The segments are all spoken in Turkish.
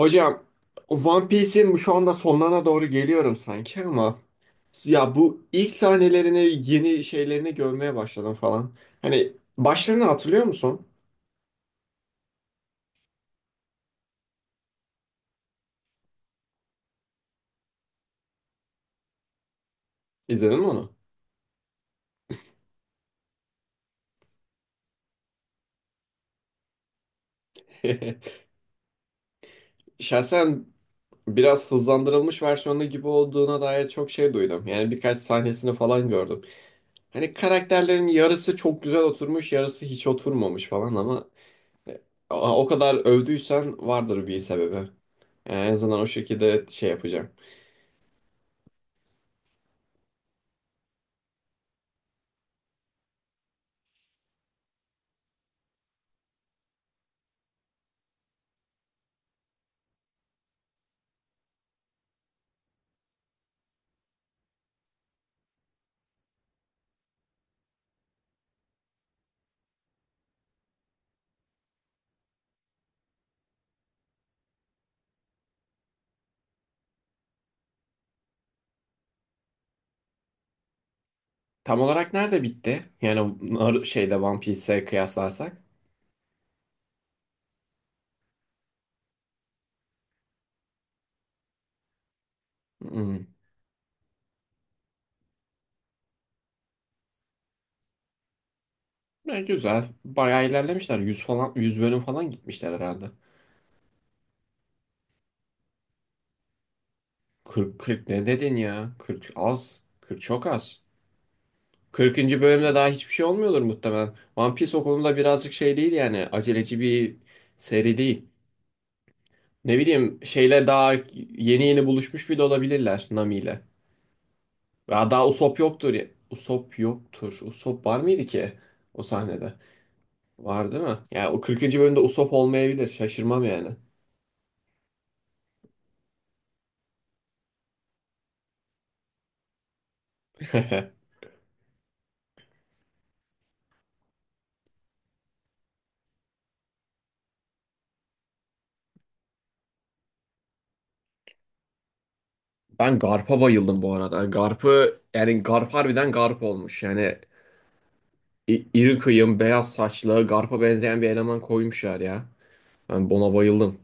Hocam, One Piece'in şu anda sonlarına doğru geliyorum sanki ama ya bu ilk sahnelerini yeni şeylerini görmeye başladım falan. Hani başlarını hatırlıyor musun? İzledin mi onu? Şahsen biraz hızlandırılmış versiyonu gibi olduğuna dair çok şey duydum. Yani birkaç sahnesini falan gördüm. Hani karakterlerin yarısı çok güzel oturmuş, yarısı hiç oturmamış falan ama o o kadar övdüysen vardır bir sebebi. Yani en azından o şekilde şey yapacağım. Tam olarak nerede bitti? Yani şeyde One Piece'e kıyaslarsak. Hmm. Ya güzel. Bayağı ilerlemişler. 100 falan 100 bölüm falan gitmişler herhalde. 40, 40 ne dedin ya? 40 az. 40 çok az. 40. bölümde daha hiçbir şey olmuyordur muhtemelen. One Piece o konuda birazcık şey değil yani. Aceleci bir seri değil. Ne bileyim şeyle daha yeni yeni buluşmuş bile olabilirler Nami ile. Daha Usopp yoktur. Usopp yoktur. Usopp var mıydı ki o sahnede? Var değil mi? Ya o 40. bölümde Usopp olmayabilir. Şaşırmam yani. Ben Garp'a bayıldım bu arada. Garp'ı yani Garp harbiden Garp olmuş. Yani iri kıyım, beyaz saçlı, Garp'a benzeyen bir eleman koymuşlar ya. Ben buna bayıldım.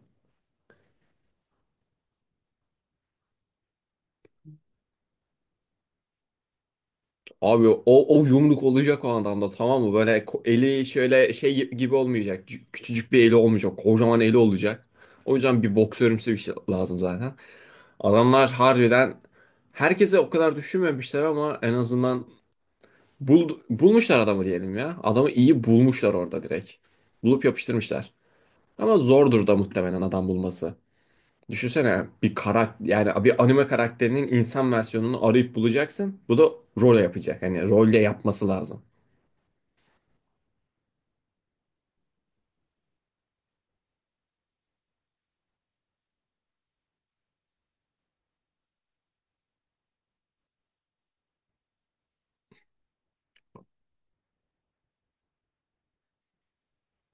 Abi o yumruk olacak o adamda, tamam mı? Böyle eli şöyle şey gibi olmayacak. Küçücük bir eli olmayacak. Kocaman eli olacak. O yüzden bir boksörümsü bir şey lazım zaten. Adamlar harbiden herkese o kadar düşünmemişler ama en azından bulmuşlar adamı diyelim ya. Adamı iyi bulmuşlar orada direkt. Bulup yapıştırmışlar. Ama zordur da muhtemelen adam bulması. Düşünsene bir karakter, yani bir anime karakterinin insan versiyonunu arayıp bulacaksın. Bu da role yapacak. Hani rolle yapması lazım.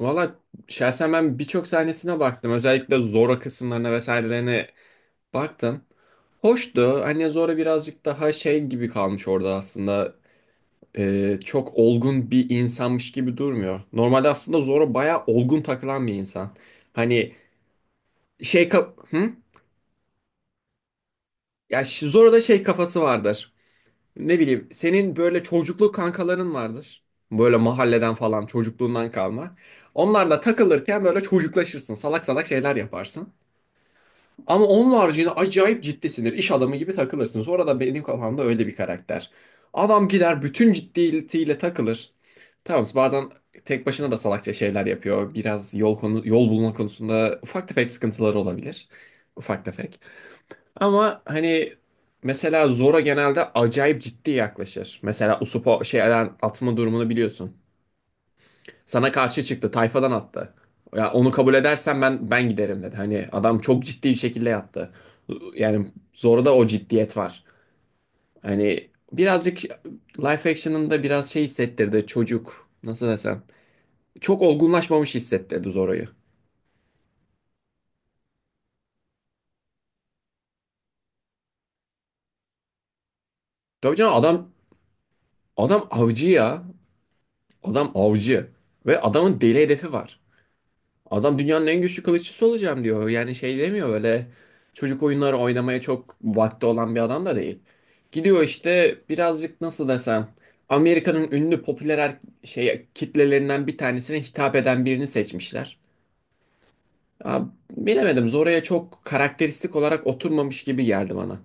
Valla şahsen ben birçok sahnesine baktım. Özellikle Zora kısımlarına vesairelerine baktım. Hoştu. Hani Zora birazcık daha şey gibi kalmış orada aslında. Çok olgun bir insanmış gibi durmuyor. Normalde aslında Zoro bayağı olgun takılan bir insan. Hani şey kap hı? Ya Zoro'da şey kafası vardır. Ne bileyim, senin böyle çocukluk kankaların vardır. Böyle mahalleden falan, çocukluğundan kalma. Onlarla takılırken böyle çocuklaşırsın. Salak salak şeyler yaparsın. Ama onun haricinde acayip ciddisindir. İş adamı gibi takılırsın. Zoro da benim kafamda öyle bir karakter. Adam gider bütün ciddiyetiyle takılır. Tamam, bazen tek başına da salakça şeyler yapıyor. Biraz yol konu yol bulma konusunda ufak tefek sıkıntıları olabilir. Ufak tefek. Ama hani, mesela Zora genelde acayip ciddi yaklaşır. Mesela Usopp şeyden atma durumunu biliyorsun. Sana karşı çıktı, tayfadan attı. Ya onu kabul edersen ben giderim dedi. Hani adam çok ciddi bir şekilde yaptı. Yani Zora'da o ciddiyet var. Hani birazcık live action'ın da biraz şey hissettirdi çocuk. Nasıl desem? Çok olgunlaşmamış hissettirdi Zora'yı. Tabii canım, adam adam avcı ya. Adam avcı. Ve adamın deli hedefi var. Adam, dünyanın en güçlü kılıççısı olacağım diyor. Yani şey demiyor, öyle çocuk oyunları oynamaya çok vakti olan bir adam da değil. Gidiyor işte birazcık, nasıl desem, Amerika'nın ünlü popüler şey kitlelerinden bir tanesine hitap eden birini seçmişler. Ya, bilemedim, Zora'ya çok karakteristik olarak oturmamış gibi geldi bana.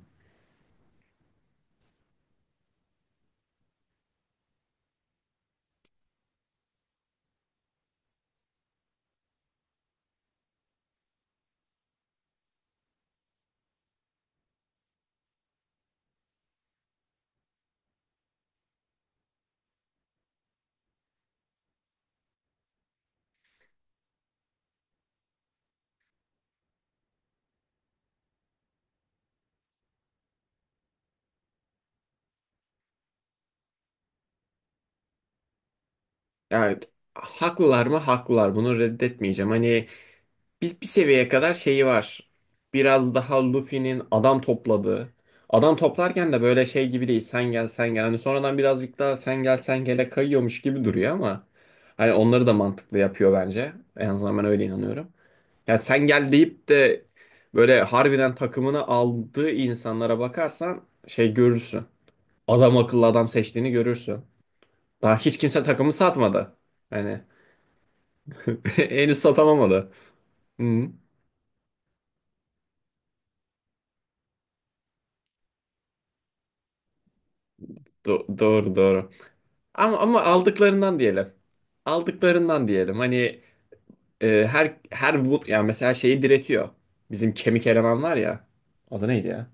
Evet. Haklılar mı? Haklılar. Bunu reddetmeyeceğim. Hani biz bir seviyeye kadar şeyi var. Biraz daha Luffy'nin adam topladığı. Adam toplarken de böyle şey gibi değil. Sen gel sen gel. Hani sonradan birazcık daha sen gel sen gele kayıyormuş gibi duruyor ama hani onları da mantıklı yapıyor bence. En azından ben öyle inanıyorum. Ya sen gel deyip de böyle harbiden takımını aldığı insanlara bakarsan şey görürsün. Adam akıllı adam seçtiğini görürsün. Daha hiç kimse takımı satmadı. Hani henüz satamamadı. Hı, doğru doğru. Ama aldıklarından diyelim. Aldıklarından diyelim. Hani yani mesela şeyi diretiyor. Bizim kemik eleman var ya. O da neydi ya?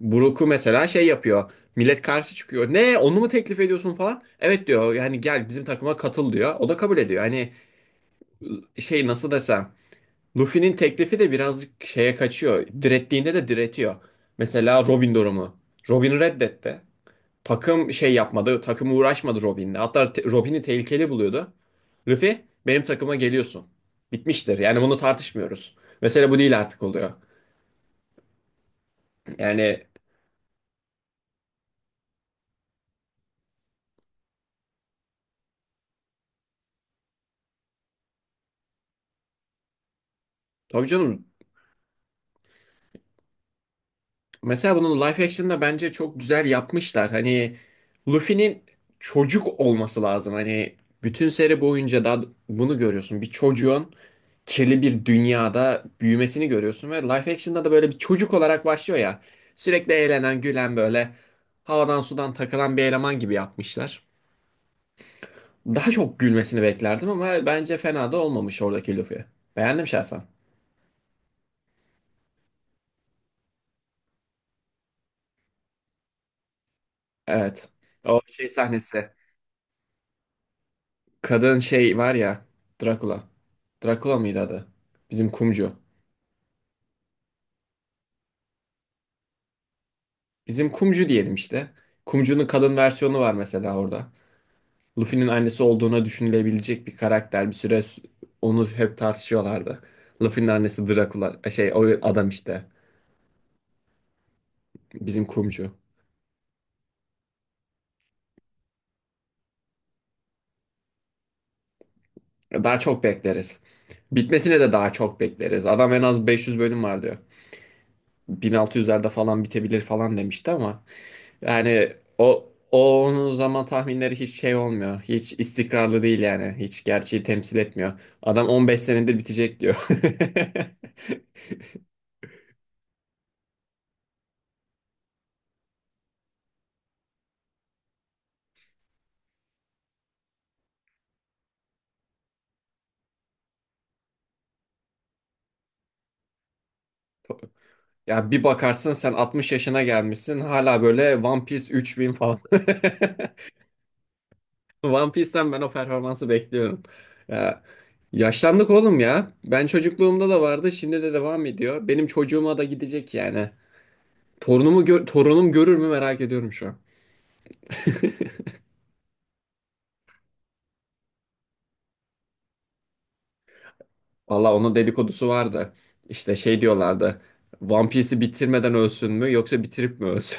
Brook'u mesela şey yapıyor. Millet karşı çıkıyor. Ne, onu mu teklif ediyorsun falan? Evet diyor. Yani gel bizim takıma katıl diyor. O da kabul ediyor. Hani şey, nasıl desem. Luffy'nin teklifi de birazcık şeye kaçıyor. Direttiğinde de diretiyor. Mesela Robin durumu. Robin reddetti. Takım şey yapmadı. Takım uğraşmadı Robin'le. Hatta Robin'i tehlikeli buluyordu. Luffy, benim takıma geliyorsun. Bitmiştir. Yani bunu tartışmıyoruz. Mesele bu değil artık oluyor. Yani tabii canım, mesela bunu live action'da bence çok güzel yapmışlar. Hani Luffy'nin çocuk olması lazım. Hani bütün seri boyunca da bunu görüyorsun. Bir çocuğun kirli bir dünyada büyümesini görüyorsun ve live action'da da böyle bir çocuk olarak başlıyor ya. Sürekli eğlenen, gülen, böyle havadan sudan takılan bir eleman gibi yapmışlar. Daha çok gülmesini beklerdim ama bence fena da olmamış oradaki Luffy. Beğendim şahsen. Evet. O şey sahnesi. Kadın şey var ya, Drakula. Drakula mıydı adı? Bizim kumcu. Bizim kumcu diyelim işte. Kumcu'nun kadın versiyonu var mesela orada. Luffy'nin annesi olduğuna düşünülebilecek bir karakter. Bir süre onu hep tartışıyorlardı. Luffy'nin annesi Drakula. Şey, o adam işte. Bizim kumcu. Daha çok bekleriz. Bitmesine de daha çok bekleriz. Adam, en az 500 bölüm var diyor. 1600'lerde falan bitebilir falan demişti ama. Yani o o onun zaman tahminleri hiç şey olmuyor. Hiç istikrarlı değil yani. Hiç gerçeği temsil etmiyor. Adam 15 senedir bitecek diyor. Ya bir bakarsın sen 60 yaşına gelmişsin hala böyle One Piece 3.000 falan. One Piece'ten ben o performansı bekliyorum. Ya, yaşlandık oğlum ya. Ben çocukluğumda da vardı, şimdi de devam ediyor. Benim çocuğuma da gidecek yani. Torunumu gör, torunum görür mü merak ediyorum şu an. Valla onun dedikodusu vardı. İşte şey diyorlardı. One Piece'i bitirmeden ölsün mü yoksa bitirip mi ölsün?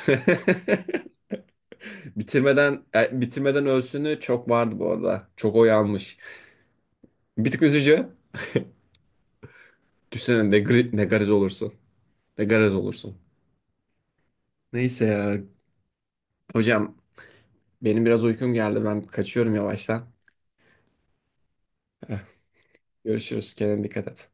Bitirmeden bitirmeden ölsünü çok vardı bu arada. Çok oy almış. Bir tık üzücü. Düşünsene ne gariz olursun. Ne gariz olursun. Neyse ya. Hocam, benim biraz uykum geldi. Ben kaçıyorum yavaştan. Eh, Görüşürüz. Kendine dikkat et.